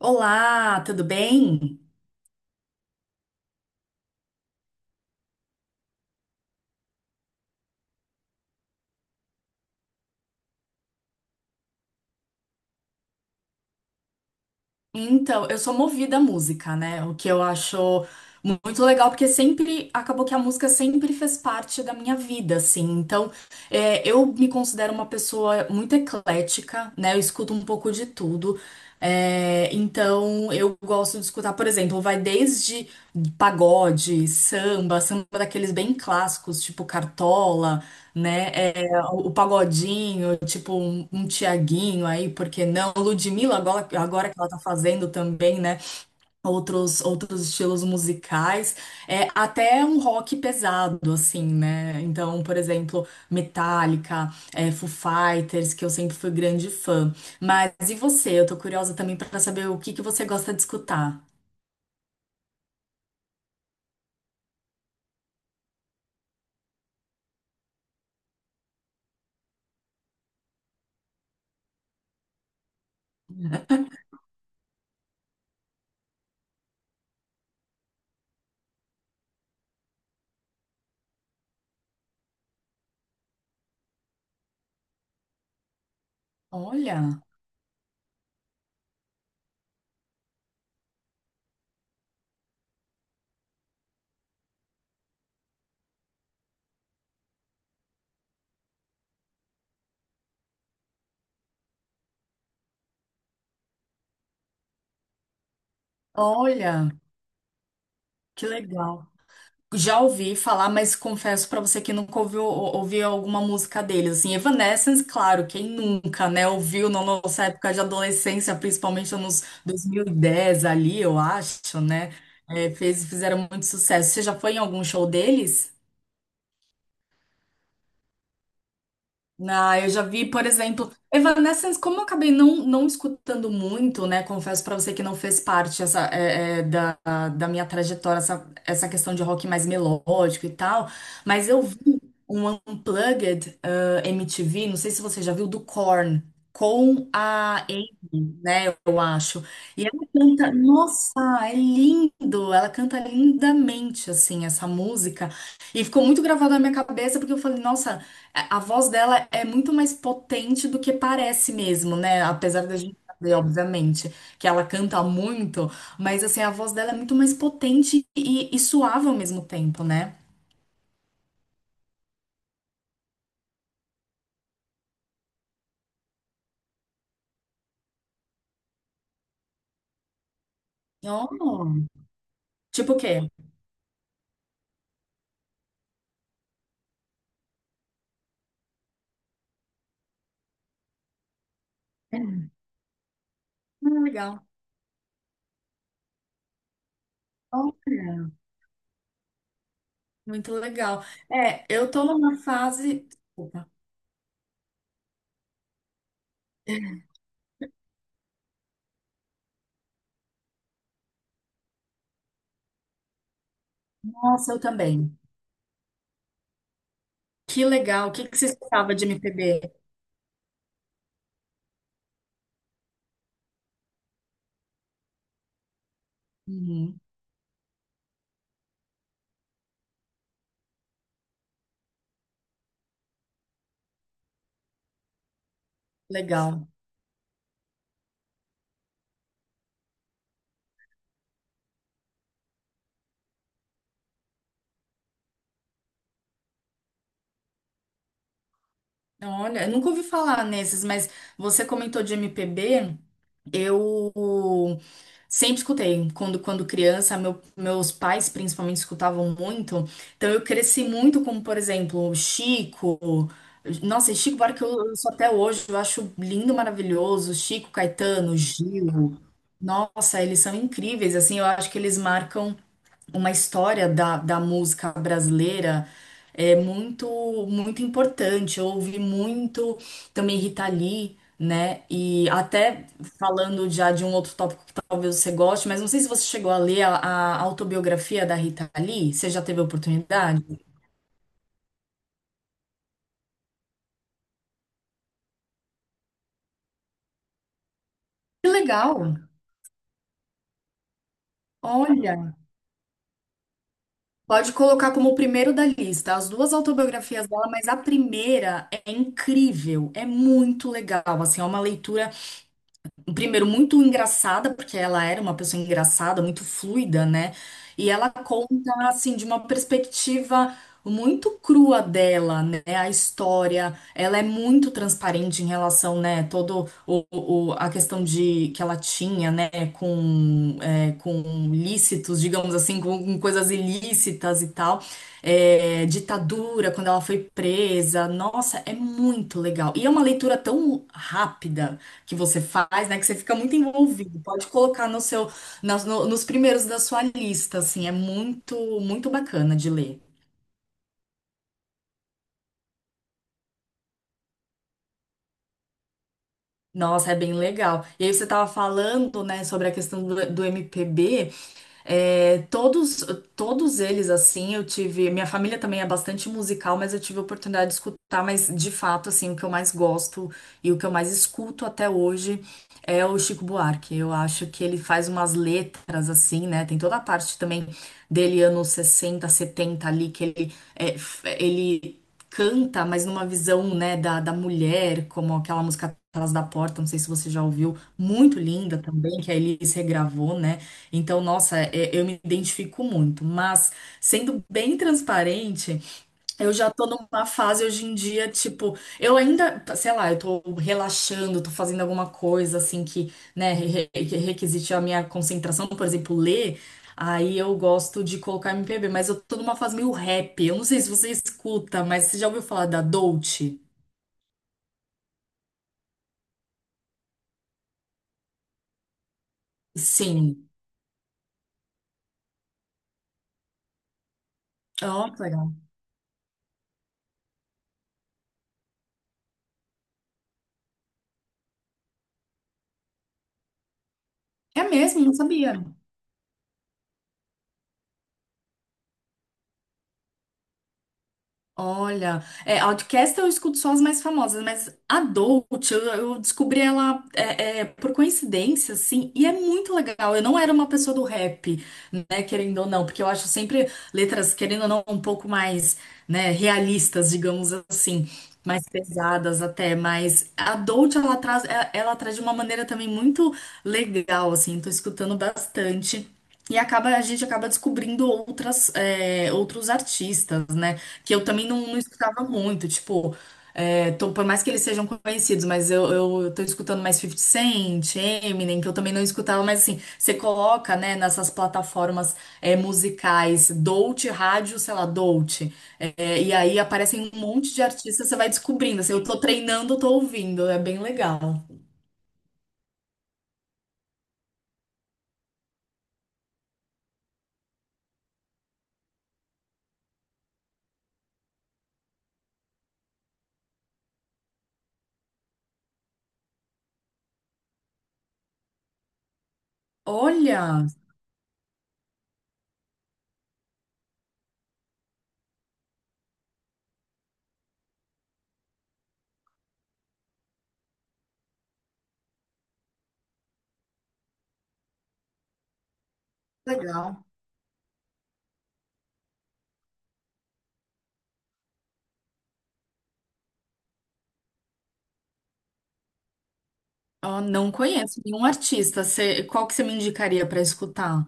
Olá, tudo bem? Então, eu sou movida à música, né? O que eu acho muito legal, porque sempre acabou que a música sempre fez parte da minha vida, assim. Então, eu me considero uma pessoa muito eclética, né? Eu escuto um pouco de tudo. Então, eu gosto de escutar, por exemplo, vai desde pagode, samba, samba daqueles bem clássicos, tipo Cartola, né? O Pagodinho, tipo um Tiaguinho aí, por que não? Ludmilla, agora que ela tá fazendo também, né? Outros estilos musicais, até um rock pesado, assim, né? Então, por exemplo, Metallica, Foo Fighters, que eu sempre fui grande fã. Mas e você? Eu tô curiosa também pra saber o que que você gosta de escutar. Olha, olha, que legal. Já ouvi falar, mas confesso pra você que nunca ouvi alguma música deles. Assim, Evanescence, claro, quem nunca, né, ouviu na nossa época de adolescência, principalmente nos 2010 ali, eu acho, né? Fizeram muito sucesso. Você já foi em algum show deles? Ah, eu já vi, por exemplo, Evanescence, como eu acabei não escutando muito, né? Confesso pra você que não fez parte essa, da minha trajetória, essa questão de rock mais melódico e tal, mas eu vi um Unplugged, MTV, não sei se você já viu, do Korn, com a Amy, né? Eu acho. E ela canta, nossa, é lindo! Ela canta lindamente, assim, essa música. E ficou muito gravado na minha cabeça, porque eu falei, nossa. A voz dela é muito mais potente do que parece mesmo, né? Apesar da gente saber, obviamente, que ela canta muito, mas assim, a voz dela é muito mais potente e suave ao mesmo tempo, né? Oh, tipo o quê? Ah, legal. Olha, muito legal. Eu tô numa fase. Desculpa. Nossa, eu também. Que legal. O que que você escutava de MPB? Uhum, legal. Olha, eu nunca ouvi falar nesses, mas você comentou de MPB, eu sempre escutei. Quando criança, meus pais principalmente escutavam muito, então eu cresci muito com, por exemplo, Chico. Nossa, e Chico Buarque eu sou até hoje, eu acho lindo, maravilhoso. Chico, Caetano, Gil. Nossa, eles são incríveis, assim, eu acho que eles marcam uma história da música brasileira, é muito, muito importante. Eu ouvi muito também Rita Lee, né? E até falando já de um outro tópico que talvez você goste, mas não sei se você chegou a ler a autobiografia da Rita Lee. Você já teve a oportunidade? Que legal! Olha, pode colocar como o primeiro da lista as duas autobiografias dela, mas a primeira é incrível, é muito legal. Assim, é uma leitura. Primeiro, muito engraçada, porque ela era uma pessoa engraçada, muito fluida, né? E ela conta, assim, de uma perspectiva muito crua dela, né? A história, ela é muito transparente em relação, né? A questão de que ela tinha, né? Com lícitos, digamos assim, com coisas ilícitas e tal. Ditadura, quando ela foi presa. Nossa, é muito legal. E é uma leitura tão rápida que você faz, né? Que você fica muito envolvido. Pode colocar no seu, nos primeiros da sua lista, assim, é muito, muito bacana de ler. Nossa, é bem legal. E aí você estava falando, né, sobre a questão do, MPB. É, todos, todos eles, assim, eu tive. Minha família também é bastante musical, mas eu tive a oportunidade de escutar. Mas, de fato, assim, o que eu mais gosto e o que eu mais escuto até hoje é o Chico Buarque. Eu acho que ele faz umas letras, assim, né? Tem toda a parte também dele, anos 60 70 ali, que ele canta, mas numa visão, né, da mulher, como aquela música Atrás da Porta, não sei se você já ouviu, muito linda também, que a Elis regravou, né? Então, nossa, eu me identifico muito. Mas, sendo bem transparente, eu já tô numa fase hoje em dia, tipo, eu ainda, sei lá, eu tô relaxando, tô fazendo alguma coisa assim que, né, requisite a minha concentração, por exemplo, ler, aí eu gosto de colocar MPB, mas eu tô numa fase meio rap. Eu não sei se você escuta, mas você já ouviu falar da Dolce? Sim. Ó, que legal. É mesmo, não sabia. Olha, Outcast eu escuto só as mais famosas, mas Adult, eu descobri ela por coincidência, assim, e é muito legal. Eu não era uma pessoa do rap, né, querendo ou não, porque eu acho sempre letras, querendo ou não, um pouco mais, né, realistas, digamos assim, mais pesadas até, mas Adult, ela traz de uma maneira também muito legal, assim, tô escutando bastante. E acaba, a gente acaba descobrindo outros artistas, né? Que eu também não escutava muito, tipo, por mais que eles sejam conhecidos, mas eu tô escutando mais 50 Cent, Eminem, que eu também não escutava, mas assim, você coloca, né, nessas plataformas musicais, Dolce, rádio, sei lá, Dolce, e aí aparecem um monte de artistas, você vai descobrindo, assim, eu tô treinando, eu tô ouvindo, é bem legal. Olha, legal. Ó, não conheço nenhum artista. Qual que você me indicaria pra escutar?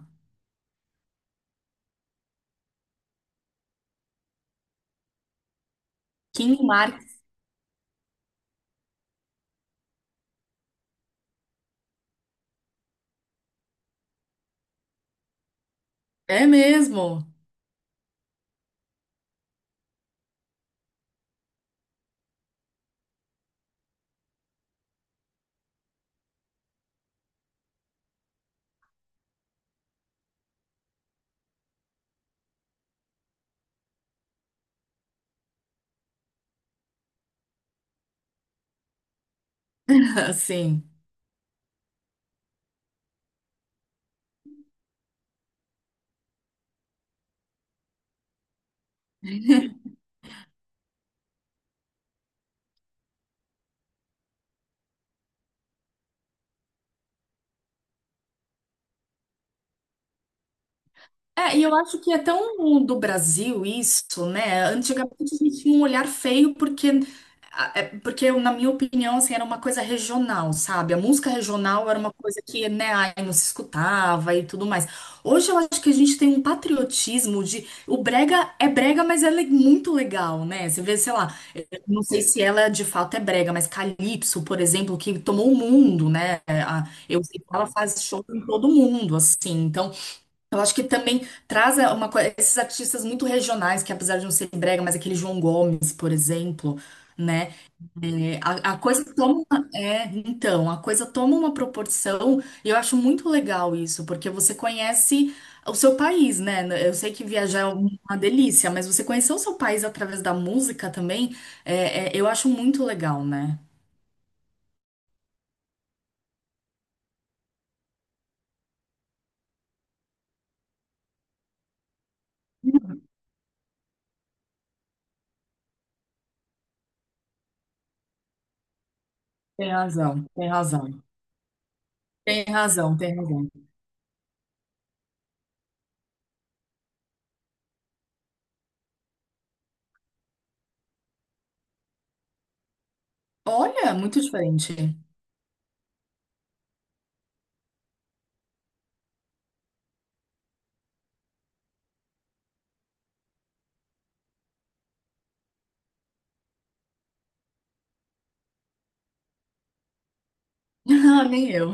King Mark, é mesmo? Assim. É, e eu acho que é tão do Brasil isso, né? Antigamente a gente tinha um olhar feio porque na minha opinião, assim, era uma coisa regional, sabe? A música regional era uma coisa que, né, ai, não se escutava e tudo mais. Hoje eu acho que a gente tem um patriotismo de... O brega é brega, mas ela é muito legal, né? Você vê, sei lá, não sei se ela de fato é brega, mas Calypso, por exemplo, que tomou o mundo, né? Eu sei que ela faz show em todo mundo, assim, então... Eu acho que também traz uma coisa, esses artistas muito regionais, que apesar de não ser brega, mas aquele João Gomes, por exemplo, né? A coisa toma, uma proporção, e eu acho muito legal isso, porque você conhece o seu país, né? Eu sei que viajar é uma delícia, mas você conhecer o seu país através da música também, eu acho muito legal, né? Tem razão, tem razão. Tem razão, tem razão. Olha, muito diferente. Nem eu.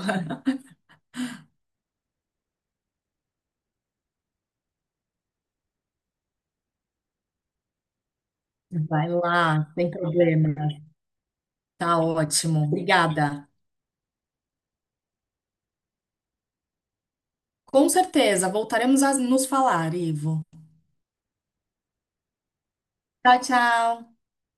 Vai lá, sem problema. Tá ótimo, obrigada. Com certeza, voltaremos a nos falar, Ivo. Tchau, tchau.